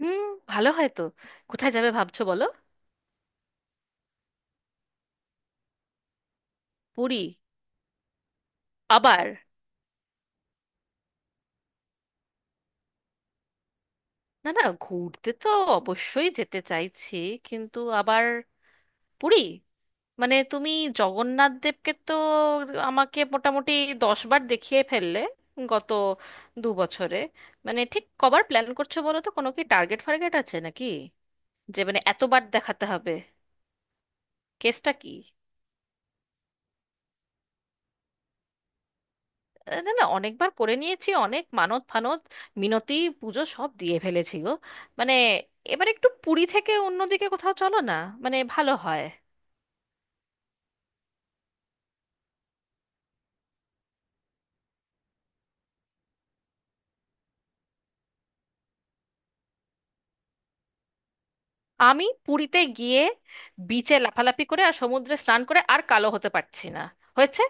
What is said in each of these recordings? হুম। ভালো হয় তো। কোথায় যাবে ভাবছো বলো? পুরী? আবার? না না, ঘুরতে তো অবশ্যই যেতে চাইছি, কিন্তু আবার পুরী? মানে তুমি জগন্নাথ দেবকে তো আমাকে মোটামুটি 10 বার দেখিয়ে ফেললে গত 2 বছরে। মানে ঠিক কবার প্ল্যান করছো বলো তো, কোনো কি টার্গেট ফার্গেট আছে নাকি যে মানে এতবার দেখাতে হবে? কেসটা কি? না না, অনেকবার করে নিয়েছি, অনেক মানত ফানত, মিনতি, পুজো সব দিয়ে ফেলেছি গো। মানে এবার একটু পুরী থেকে অন্যদিকে কোথাও চলো না, মানে ভালো হয়। আমি পুরীতে গিয়ে বিচে লাফালাফি করে আর সমুদ্রে স্নান করে আর কালো হতে পারছি না, হয়েছে?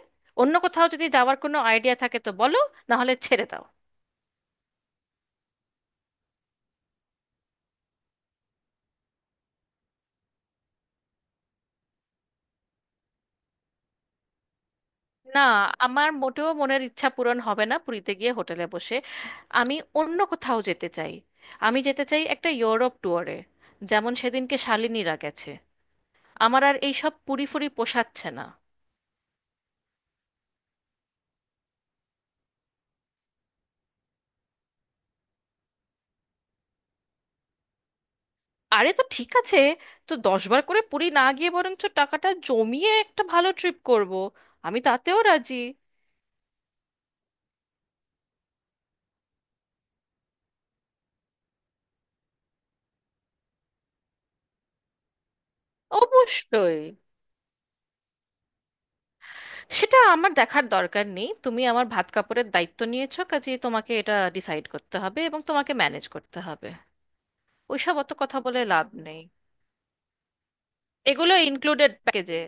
অন্য কোথাও যদি যাওয়ার কোনো আইডিয়া থাকে তো বলো, না হলে ছেড়ে দাও। না, আমার মোটেও মনের ইচ্ছা পূরণ হবে না পুরীতে গিয়ে হোটেলে বসে। আমি অন্য কোথাও যেতে চাই। আমি যেতে চাই একটা ইউরোপ ট্যুরে, যেমন সেদিনকে শালিনীরা গেছে। আমার আর এইসব পুরি ফুরি পোষাচ্ছে না। আরে তো ঠিক আছে, তো দশবার করে পুরি না গিয়ে বরঞ্চ টাকাটা জমিয়ে একটা ভালো ট্রিপ করব, আমি তাতেও রাজি। অবশ্যই। সেটা আমার দেখার দরকার নেই, তুমি আমার ভাত কাপড়ের দায়িত্ব নিয়েছো, কাজেই তোমাকে এটা ডিসাইড করতে হবে এবং তোমাকে ম্যানেজ করতে হবে। ওইসব অত কথা বলে লাভ নেই, এগুলো ইনক্লুডেড প্যাকেজে।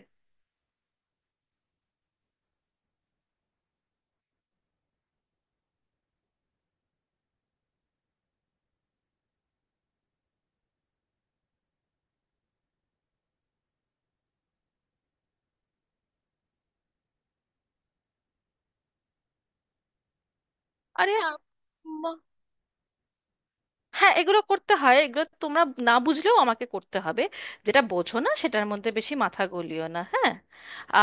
আরে হ্যাঁ, এগুলো করতে হয়, এগুলো তোমরা না বুঝলেও আমাকে করতে হবে। যেটা বোঝো না সেটার মধ্যে বেশি মাথা গলিও না, হ্যাঁ?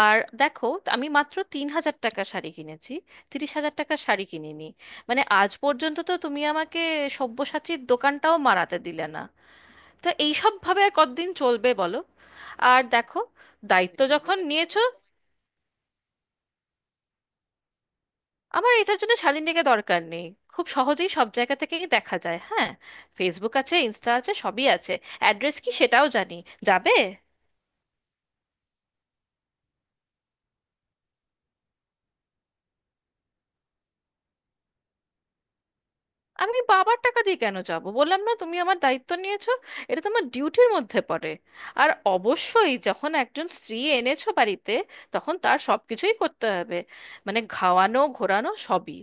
আর দেখো, আমি মাত্র 3,000 টাকা শাড়ি কিনেছি, 30,000 টাকার শাড়ি কিনিনি। মানে আজ পর্যন্ত তো তুমি আমাকে সব্যসাচীর দোকানটাও মারাতে দিলে না। তো এইসব ভাবে আর কতদিন চলবে বলো? আর দেখো, দায়িত্ব যখন নিয়েছো। আমার এটার জন্য শালীনদিকে দরকার নেই, খুব সহজেই সব জায়গা থেকেই দেখা যায়, হ্যাঁ। ফেসবুক আছে, ইনস্টা আছে, সবই আছে। অ্যাড্রেস কি সেটাও জানি। যাবে। আমি বাবার টাকা দিয়ে কেন যাব? বললাম না তুমি আমার দায়িত্ব নিয়েছো, এটা তোমার ডিউটির মধ্যে পড়ে। আর অবশ্যই যখন একজন স্ত্রী এনেছো বাড়িতে, তখন তার সব কিছুই করতে হবে, মানে খাওয়ানো ঘোরানো সবই।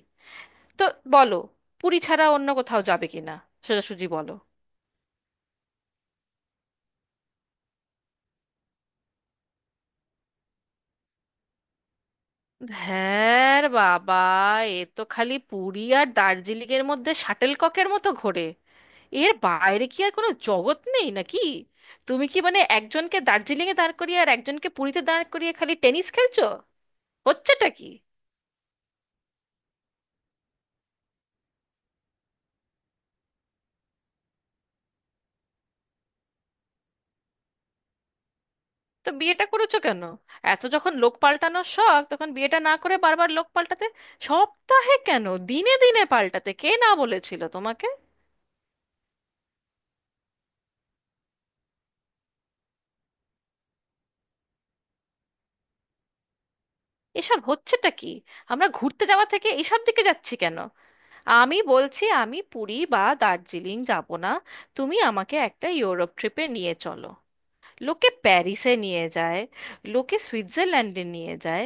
তো বলো, পুরী ছাড়া অন্য কোথাও যাবে কিনা, সোজাসুজি বলো। হ্যাঁ রে বাবা, এ তো খালি পুরী আর দার্জিলিং এর মধ্যে শাটেলককের মতো ঘোরে। এর বাইরে কি আর কোনো জগৎ নেই নাকি? তুমি কি মানে একজনকে দার্জিলিং এ দাঁড় করিয়ে আর একজনকে পুরীতে দাঁড় করিয়ে খালি টেনিস খেলছো? হচ্ছেটা কি? তো বিয়েটা করেছো কেন? এত যখন লোক পাল্টানোর শখ, তখন বিয়েটা না করে বারবার লোক পাল্টাতে। সপ্তাহে কেন, দিনে দিনে পাল্টাতে, কে না বলেছিল তোমাকে? এসব হচ্ছেটা কি? আমরা ঘুরতে যাওয়া থেকে এসব দিকে যাচ্ছি কেন? আমি বলছি আমি পুরী বা দার্জিলিং যাব না, তুমি আমাকে একটা ইউরোপ ট্রিপে নিয়ে চলো। লোকে প্যারিসে নিয়ে যায়, লোকে সুইজারল্যান্ডে নিয়ে যায়।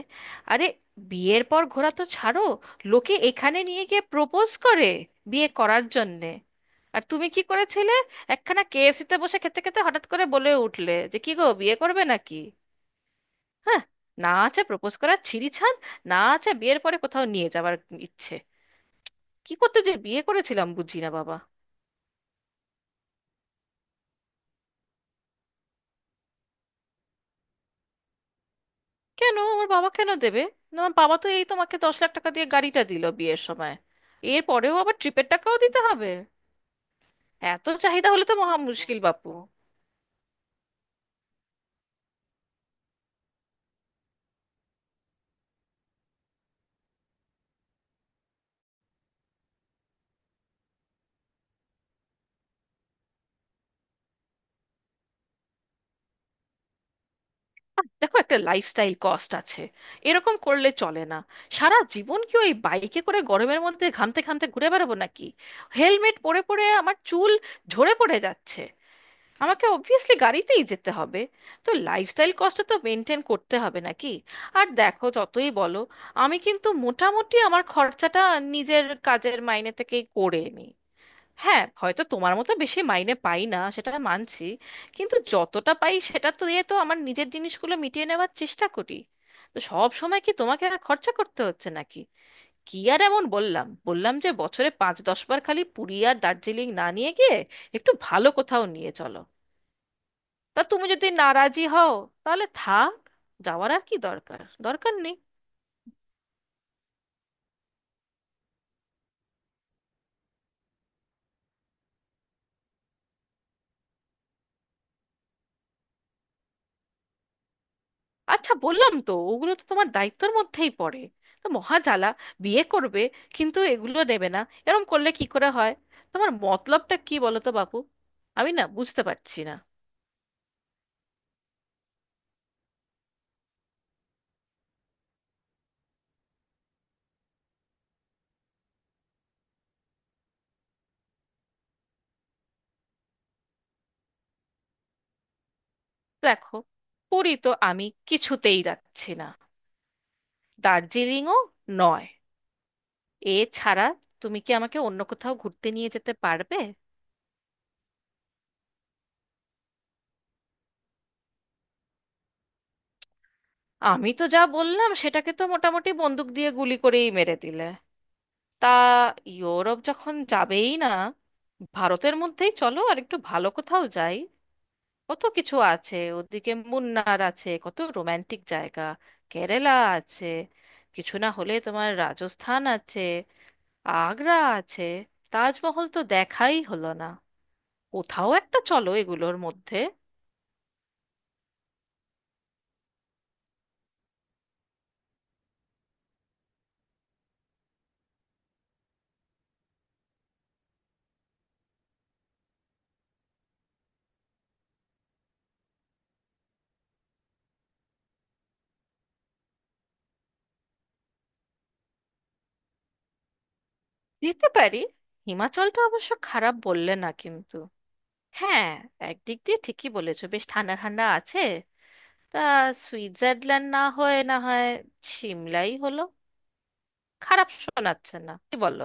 আরে, বিয়ের পর ঘোরা তো ছাড়ো, লোকে এখানে নিয়ে গিয়ে প্রপোজ করে বিয়ে করার জন্যে। আর তুমি কি করেছিলে? একখানা কেএফসিতে বসে খেতে খেতে হঠাৎ করে বলে উঠলে যে কি গো বিয়ে করবে নাকি? হ্যাঁ। না আছে প্রপোজ করার ছিঁড়িছাড়, না আছে বিয়ের পরে কোথাও নিয়ে যাওয়ার ইচ্ছে। কি করতে যে বিয়ে করেছিলাম বুঝি না বাবা। কেন আমার বাবা কেন দেবে? না, আমার বাবা তো এই তোমাকে 10 লাখ টাকা দিয়ে গাড়িটা দিল বিয়ের সময়, এর পরেও আবার ট্রিপের টাকাও দিতে হবে? এত চাহিদা হলে তো মহা মুশকিল বাপু। দেখো, একটা লাইফস্টাইল কস্ট আছে, এরকম করলে চলে না। সারা জীবন কি ওই বাইকে করে গরমের মধ্যে ঘামতে ঘামতে ঘুরে বেড়াবো নাকি? হেলমেট পরে পরে আমার চুল ঝরে পড়ে যাচ্ছে, আমাকে অবভিয়াসলি গাড়িতেই যেতে হবে। তো লাইফস্টাইল কস্টটা তো মেনটেন করতে হবে নাকি? আর দেখো, যতই বলো, আমি কিন্তু মোটামুটি আমার খরচাটা নিজের কাজের মাইনে থেকেই করে নিই। হ্যাঁ, হয়তো তোমার মতো বেশি মাইনে পাই না, সেটা মানছি, কিন্তু যতটা পাই সেটা তো দিয়ে তো আমার নিজের জিনিসগুলো মিটিয়ে নেওয়ার চেষ্টা করি। তো সব সময় কি তোমাকে আর খরচা করতে হচ্ছে নাকি? কি আর এমন বললাম বললাম যে বছরে 5-10 বার খালি পুরী আর দার্জিলিং না নিয়ে গিয়ে একটু ভালো কোথাও নিয়ে চলো। তা তুমি যদি নারাজি হও তাহলে থাক, যাওয়ার আর কি দরকার দরকার নেই। আচ্ছা বললাম তো, ওগুলো তো তোমার দায়িত্বের মধ্যেই পড়ে, তো মহাজালা। বিয়ে করবে কিন্তু এগুলো নেবে না, এরম করলে কি করে হয়? তোমার মতলবটা কি বলো তো বাপু, আমি না বুঝতে পারছি না। দেখো, পুরী তো আমি কিছুতেই যাচ্ছি না, দার্জিলিংও নয়। এছাড়া তুমি কি আমাকে অন্য কোথাও ঘুরতে নিয়ে যেতে পারবে? আমি তো যা বললাম সেটাকে তো মোটামুটি বন্দুক দিয়ে গুলি করেই মেরে দিলে। তা ইউরোপ যখন যাবেই না, ভারতের মধ্যেই চলো আর একটু ভালো কোথাও যাই। কত কিছু আছে ওদিকে, মুন্নার আছে, কত রোমান্টিক জায়গা। কেরালা আছে, কিছু না হলে তোমার রাজস্থান আছে, আগ্রা আছে, তাজমহল তো দেখাই হলো না। কোথাও একটা চলো এগুলোর মধ্যে। যেতে পারি, হিমাচলটা অবশ্য খারাপ বললে না কিন্তু। হ্যাঁ, একদিক দিয়ে ঠিকই বলেছো, বেশ ঠান্ডা ঠান্ডা আছে। তা সুইজারল্যান্ড না হয়ে না হয় সিমলাই হলো, খারাপ শোনাচ্ছে না কি বলো?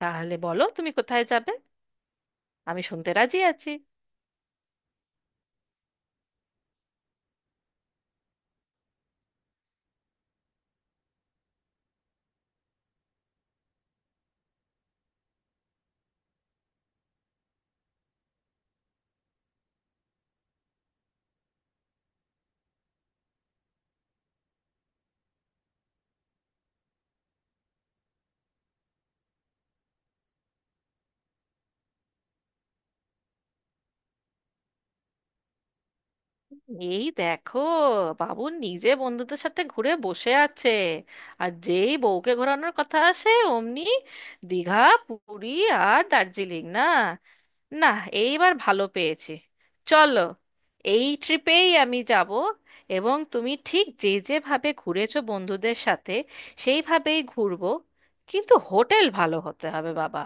তাহলে বলো তুমি কোথায় যাবে, আমি শুনতে রাজি আছি। এই দেখো, বাবু নিজে বন্ধুদের সাথে ঘুরে বসে আছে, আর যেই বউকে ঘোরানোর কথা আসে অমনি দীঘা, পুরী আর দার্জিলিং, না না। এইবার ভালো পেয়েছি, চলো, এই ট্রিপেই আমি যাব। এবং তুমি ঠিক যে যেভাবে ঘুরেছো বন্ধুদের সাথে সেইভাবেই ঘুরবো, কিন্তু হোটেল ভালো হতে হবে বাবা।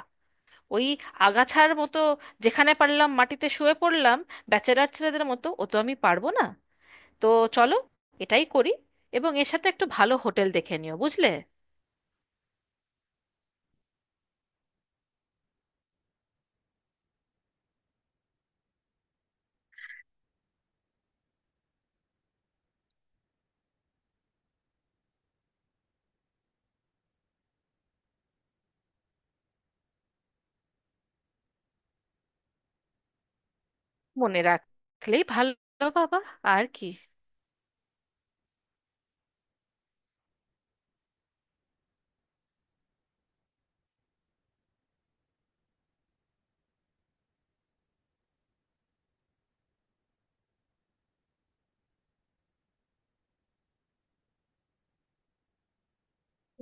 ওই আগাছার মতো যেখানে পারলাম মাটিতে শুয়ে পড়লাম ব্যাচেলার ছেলেদের মতো ও তো আমি পারবো না। তো চলো, এটাই করি, এবং এর সাথে একটু ভালো হোটেল দেখে নিও বুঝলে। মনে রাখলেই ভালো বাবা, আর কি।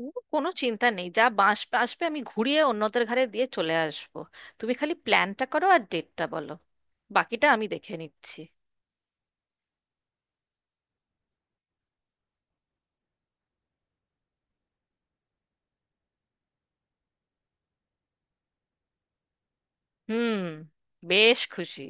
ও, কোনো চিন্তা নেই, যা বাঁশ আসবে আমি ঘুরিয়ে অন্যদের ঘাড়ে দিয়ে চলে আসবো। তুমি খালি প্ল্যানটা করো আর ডেটটা বলো, বাকিটা আমি দেখে নিচ্ছি। হুম, বেশ খুশি।